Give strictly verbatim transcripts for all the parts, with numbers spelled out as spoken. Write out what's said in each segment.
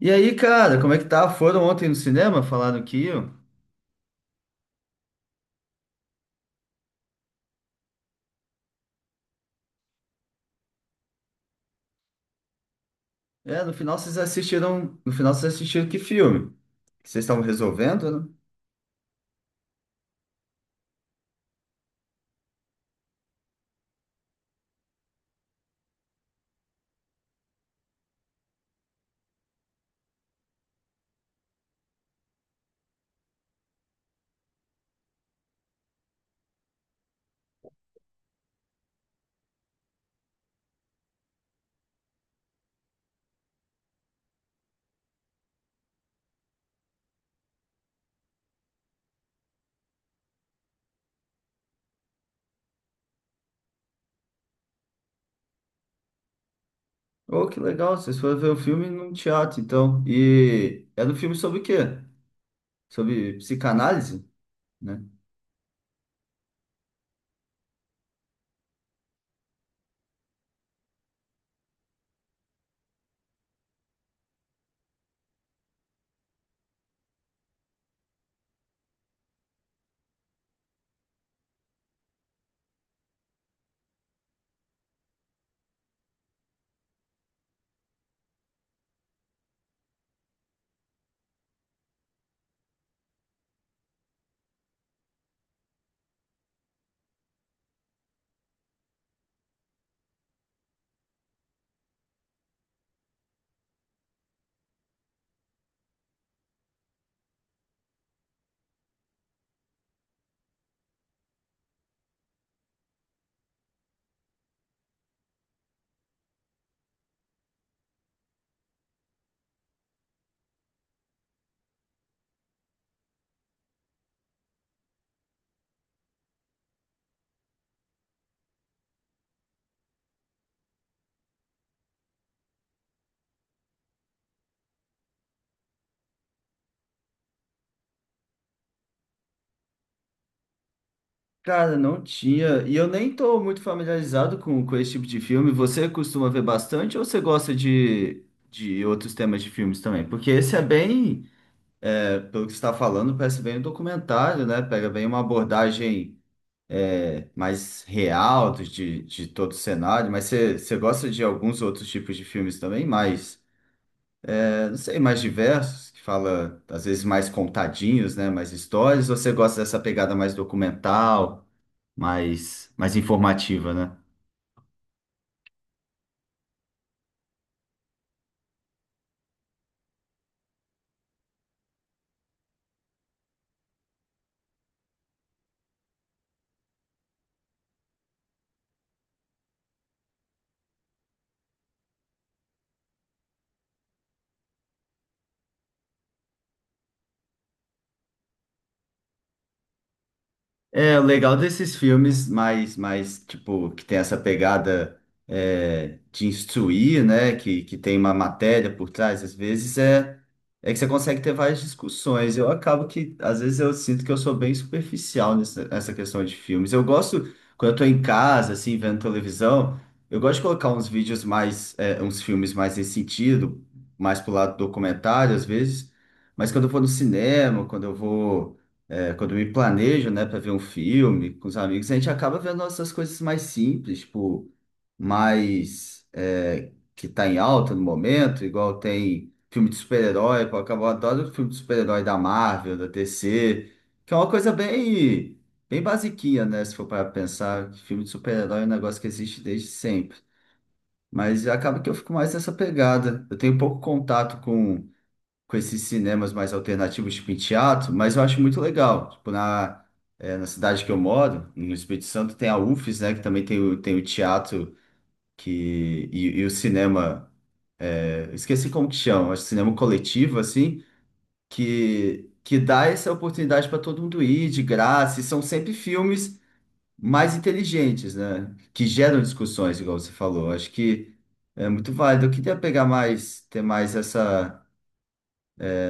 E aí, cara, como é que tá? Foram ontem no cinema? Falaram que iam? É, no final vocês assistiram. No final vocês assistiram que filme? Que vocês estavam resolvendo, né? Oh, que legal, vocês foram ver o filme num teatro, então. E era um filme sobre o quê? Sobre psicanálise, né? Cara, não tinha. E eu nem tô muito familiarizado com, com esse tipo de filme. Você costuma ver bastante ou você gosta de, de outros temas de filmes também? Porque esse é bem é, pelo que você está falando, parece bem um documentário, né? Pega bem uma abordagem é, mais real do- de, de todo o cenário, mas você você gosta de alguns outros tipos de filmes também, mais, é, não sei, mais diversos, que fala, às vezes, mais contadinhos, né? Mais histórias, ou você gosta dessa pegada mais documental, mais, mais informativa, né? É, o legal desses filmes mais, mais tipo, que tem essa pegada é, de instruir, né? Que, que tem uma matéria por trás, às vezes, é, é que você consegue ter várias discussões. Eu acabo que, às vezes, eu sinto que eu sou bem superficial nessa, nessa questão de filmes. Eu gosto, quando eu tô em casa, assim, vendo televisão, eu gosto de colocar uns vídeos mais, é, uns filmes mais nesse sentido, mais pro lado documentário, às vezes. Mas quando eu vou no cinema, quando eu vou é, quando eu me planejo, né, para ver um filme com os amigos, a gente acaba vendo essas coisas mais simples, tipo, mais é, que tá em alta no momento, igual tem filme de super-herói, pô, eu acabo- eu adoro filme de super-herói da Marvel, da D C, que é uma coisa bem, bem basiquinha, né, se for para pensar, que filme de super-herói é um negócio que existe desde sempre. Mas acaba que eu fico mais nessa pegada. Eu tenho pouco contato com esses cinemas mais alternativos, tipo em teatro, mas eu acho muito legal. Tipo, na, é, na cidade que eu moro, no Espírito Santo, tem a ufes, né? Que também tem o, tem o teatro que, e, e o cinema. É, eu esqueci como que chama, acho que cinema coletivo, assim, que, que dá essa oportunidade para todo mundo ir de graça, e são sempre filmes mais inteligentes, né? Que geram discussões, igual você falou. Acho que é muito válido. Eu queria pegar mais, ter mais essa.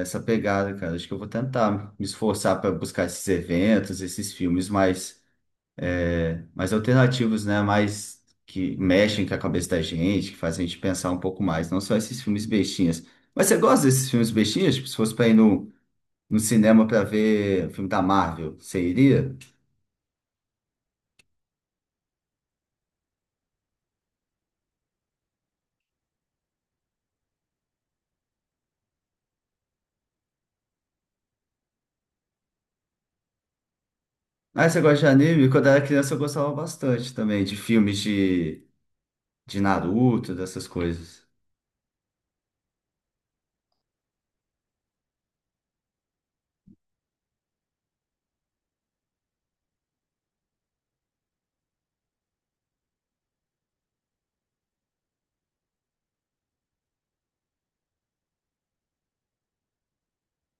Essa pegada, cara. Acho que eu vou tentar me esforçar para buscar esses eventos, esses filmes mais, mais alternativos, né? Mais que mexem com a cabeça da gente, que fazem a gente pensar um pouco mais, não só esses filmes bestinhas. Mas você gosta desses filmes bestinhas? Tipo, se fosse para ir no, no cinema para ver filme da Marvel, você iria? Ah, você gosta de anime? Quando eu era criança eu gostava bastante também de filmes de, de Naruto, dessas coisas.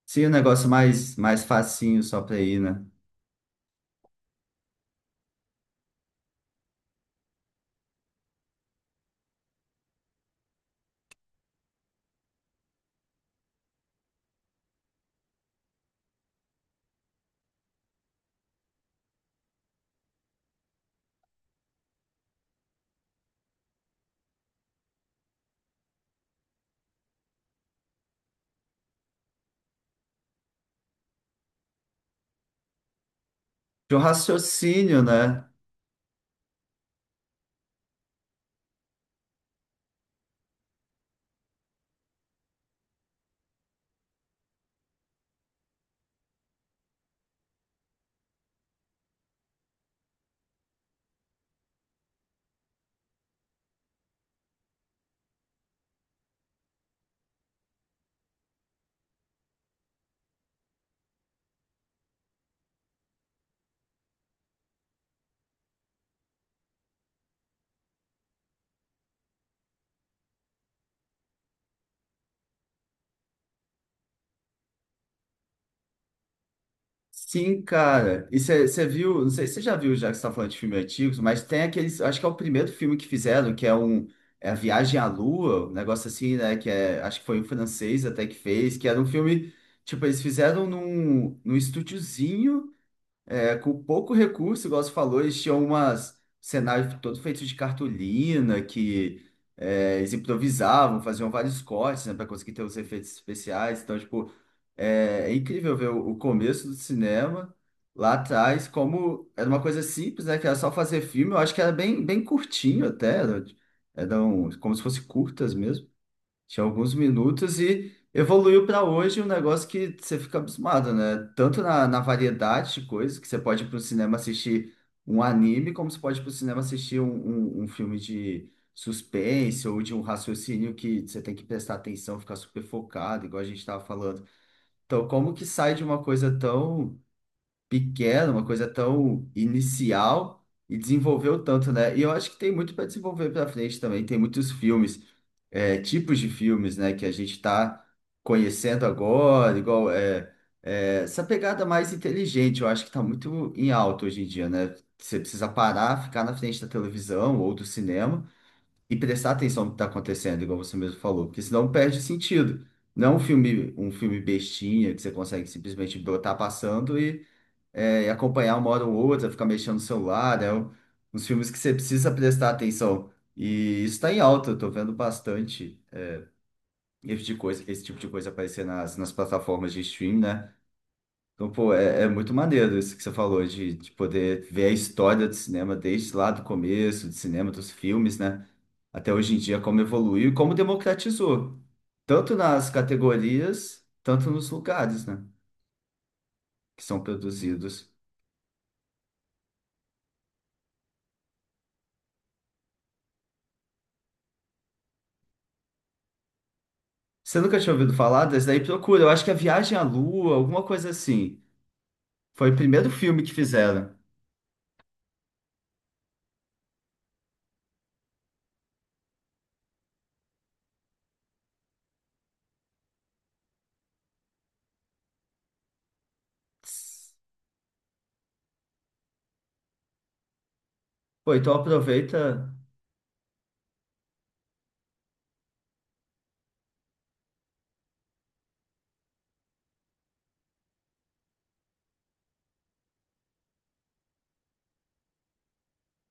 Sim, um negócio mais, mais facinho só pra ir, né? De um raciocínio, né? Sim, cara. E você viu, não sei se você já viu, já que você está falando de filmes antigos, mas tem aqueles, acho que é o primeiro filme que fizeram, que é um é a Viagem à Lua, um negócio assim, né? Que é, acho que foi um francês até que fez, que era um filme, tipo, eles fizeram num, num estúdiozinho. É, com pouco recurso, igual você falou, eles tinham umas cenários todos feitos de cartolina, que é, eles improvisavam, faziam vários cortes, né, para conseguir ter os efeitos especiais. Então, tipo, é, é incrível ver o, o começo do cinema lá atrás, como era uma coisa simples, né, que era só fazer filme. Eu acho que era bem, bem curtinho até, era, eram como se fossem curtas mesmo. Tinha alguns minutos e evoluiu para hoje um negócio que você fica abismado, né? Tanto na, na variedade de coisas, que você pode ir para o cinema assistir um anime, como você pode ir para o cinema assistir um, um, um filme de suspense ou de um raciocínio que você tem que prestar atenção, ficar super focado, igual a gente estava falando. Então, como que sai de uma coisa tão pequena, uma coisa tão inicial e desenvolveu tanto, né? E eu acho que tem muito para desenvolver para frente também. Tem muitos filmes, é, tipos de filmes, né, que a gente está conhecendo agora, igual é, é, essa pegada mais inteligente. Eu acho que está muito em alta hoje em dia, né? Você precisa parar, ficar na frente da televisão ou do cinema e prestar atenção no que está acontecendo, igual você mesmo falou, porque senão perde sentido. Não é um filme, um filme bestinha que você consegue simplesmente botar passando é, e acompanhar uma hora ou outra, ficar mexendo no celular, é um- uns filmes que você precisa prestar atenção. E isso está em alta, eu tô vendo bastante esse tipo de coisa, esse tipo de coisa aparecer nas, nas plataformas de stream, né? Então, pô, é, é muito maneiro isso que você falou, de, de poder ver a história do cinema desde lá do começo, do cinema, dos filmes, né? Até hoje em dia, como evoluiu e como democratizou, tanto nas categorias, tanto nos lugares, né? Que são produzidos. Você nunca tinha ouvido falar desse daí? Procura, eu acho que é Viagem à Lua, alguma coisa assim. Foi o primeiro filme que fizeram. Pô, então aproveita.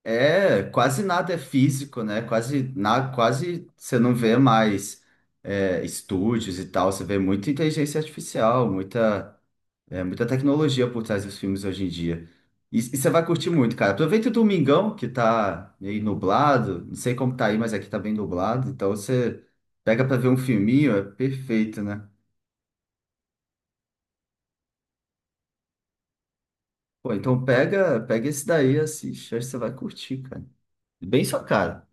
É, quase nada é físico, né? Quase, na, quase você não vê mais é, estúdios e tal, você vê muita inteligência artificial, muita. É muita tecnologia por trás dos filmes hoje em dia. E, e você vai curtir muito, cara. Aproveita o domingão, que tá meio nublado. Não sei como tá aí, mas aqui tá bem nublado. Então você pega pra ver um filminho, é perfeito, né? Pô, então pega, pega esse daí, assiste. Acho que você vai curtir, cara. Bem sua cara.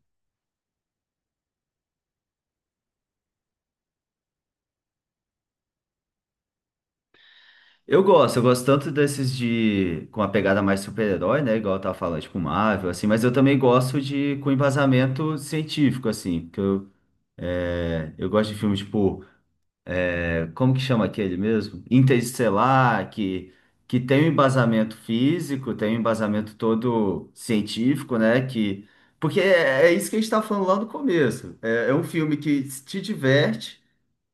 Eu gosto, eu gosto tanto desses de com a pegada mais super-herói, né? Igual eu tava falando, tipo Marvel, assim, mas eu também gosto de com embasamento científico, assim, porque eu, é, eu gosto de filmes, tipo. É, como que chama aquele mesmo? Interestelar, que, que tem um embasamento físico, tem um embasamento todo científico, né? Que, porque é, é isso que a gente está falando lá no começo. É, é um filme que te diverte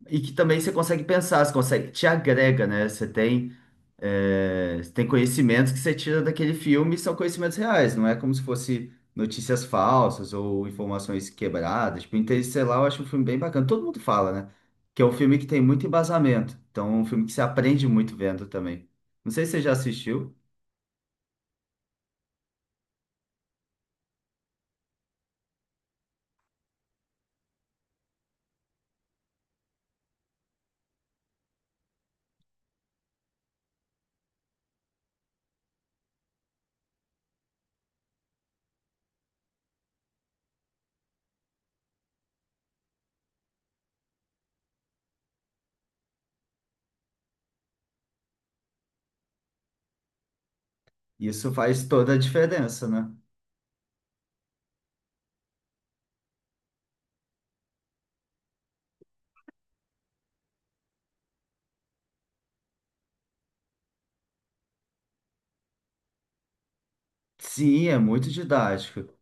e que também você consegue pensar, você consegue, te agrega, né? Você tem. É, tem conhecimentos que você tira daquele filme e são conhecimentos reais, não é como se fosse notícias falsas ou informações quebradas. Tipo, Interestelar eu acho um filme bem bacana. Todo mundo fala, né? Que é um filme que tem muito embasamento. Então, é um filme que se aprende muito vendo também. Não sei se você já assistiu. Isso faz toda a diferença, né? Sim, é muito didático.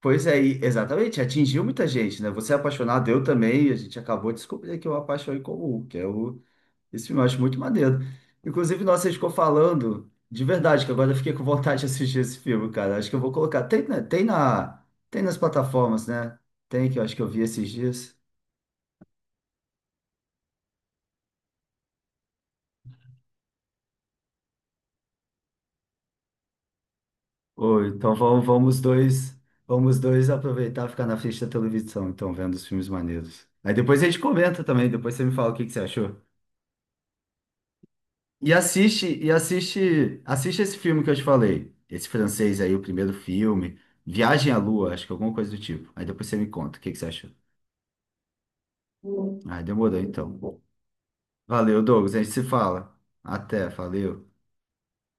Pois é, e- exatamente, atingiu muita gente, né? Você é apaixonado, eu também, e a gente acabou de descobrir aqui uma paixão em comum, que é o esse filme eu acho muito maneiro. Inclusive, nossa, a gente ficou falando de verdade, que agora eu fiquei com vontade de assistir esse filme, cara. Acho que eu vou colocar. Tem, na- tem na, tem nas plataformas, né? Tem, que eu acho que eu vi esses dias. Ou então vamos, vamos dois, vamos dois aproveitar e ficar na frente da televisão, então, vendo os filmes maneiros. Aí depois a gente comenta também, depois você me fala o que que você achou. E assiste, e assiste, assiste esse filme que eu te falei. Esse francês aí, o primeiro filme. Viagem à Lua, acho que alguma coisa do tipo. Aí depois você me conta o que que você achou. Ah, demorou então. Valeu, Douglas. A gente se fala. Até, valeu.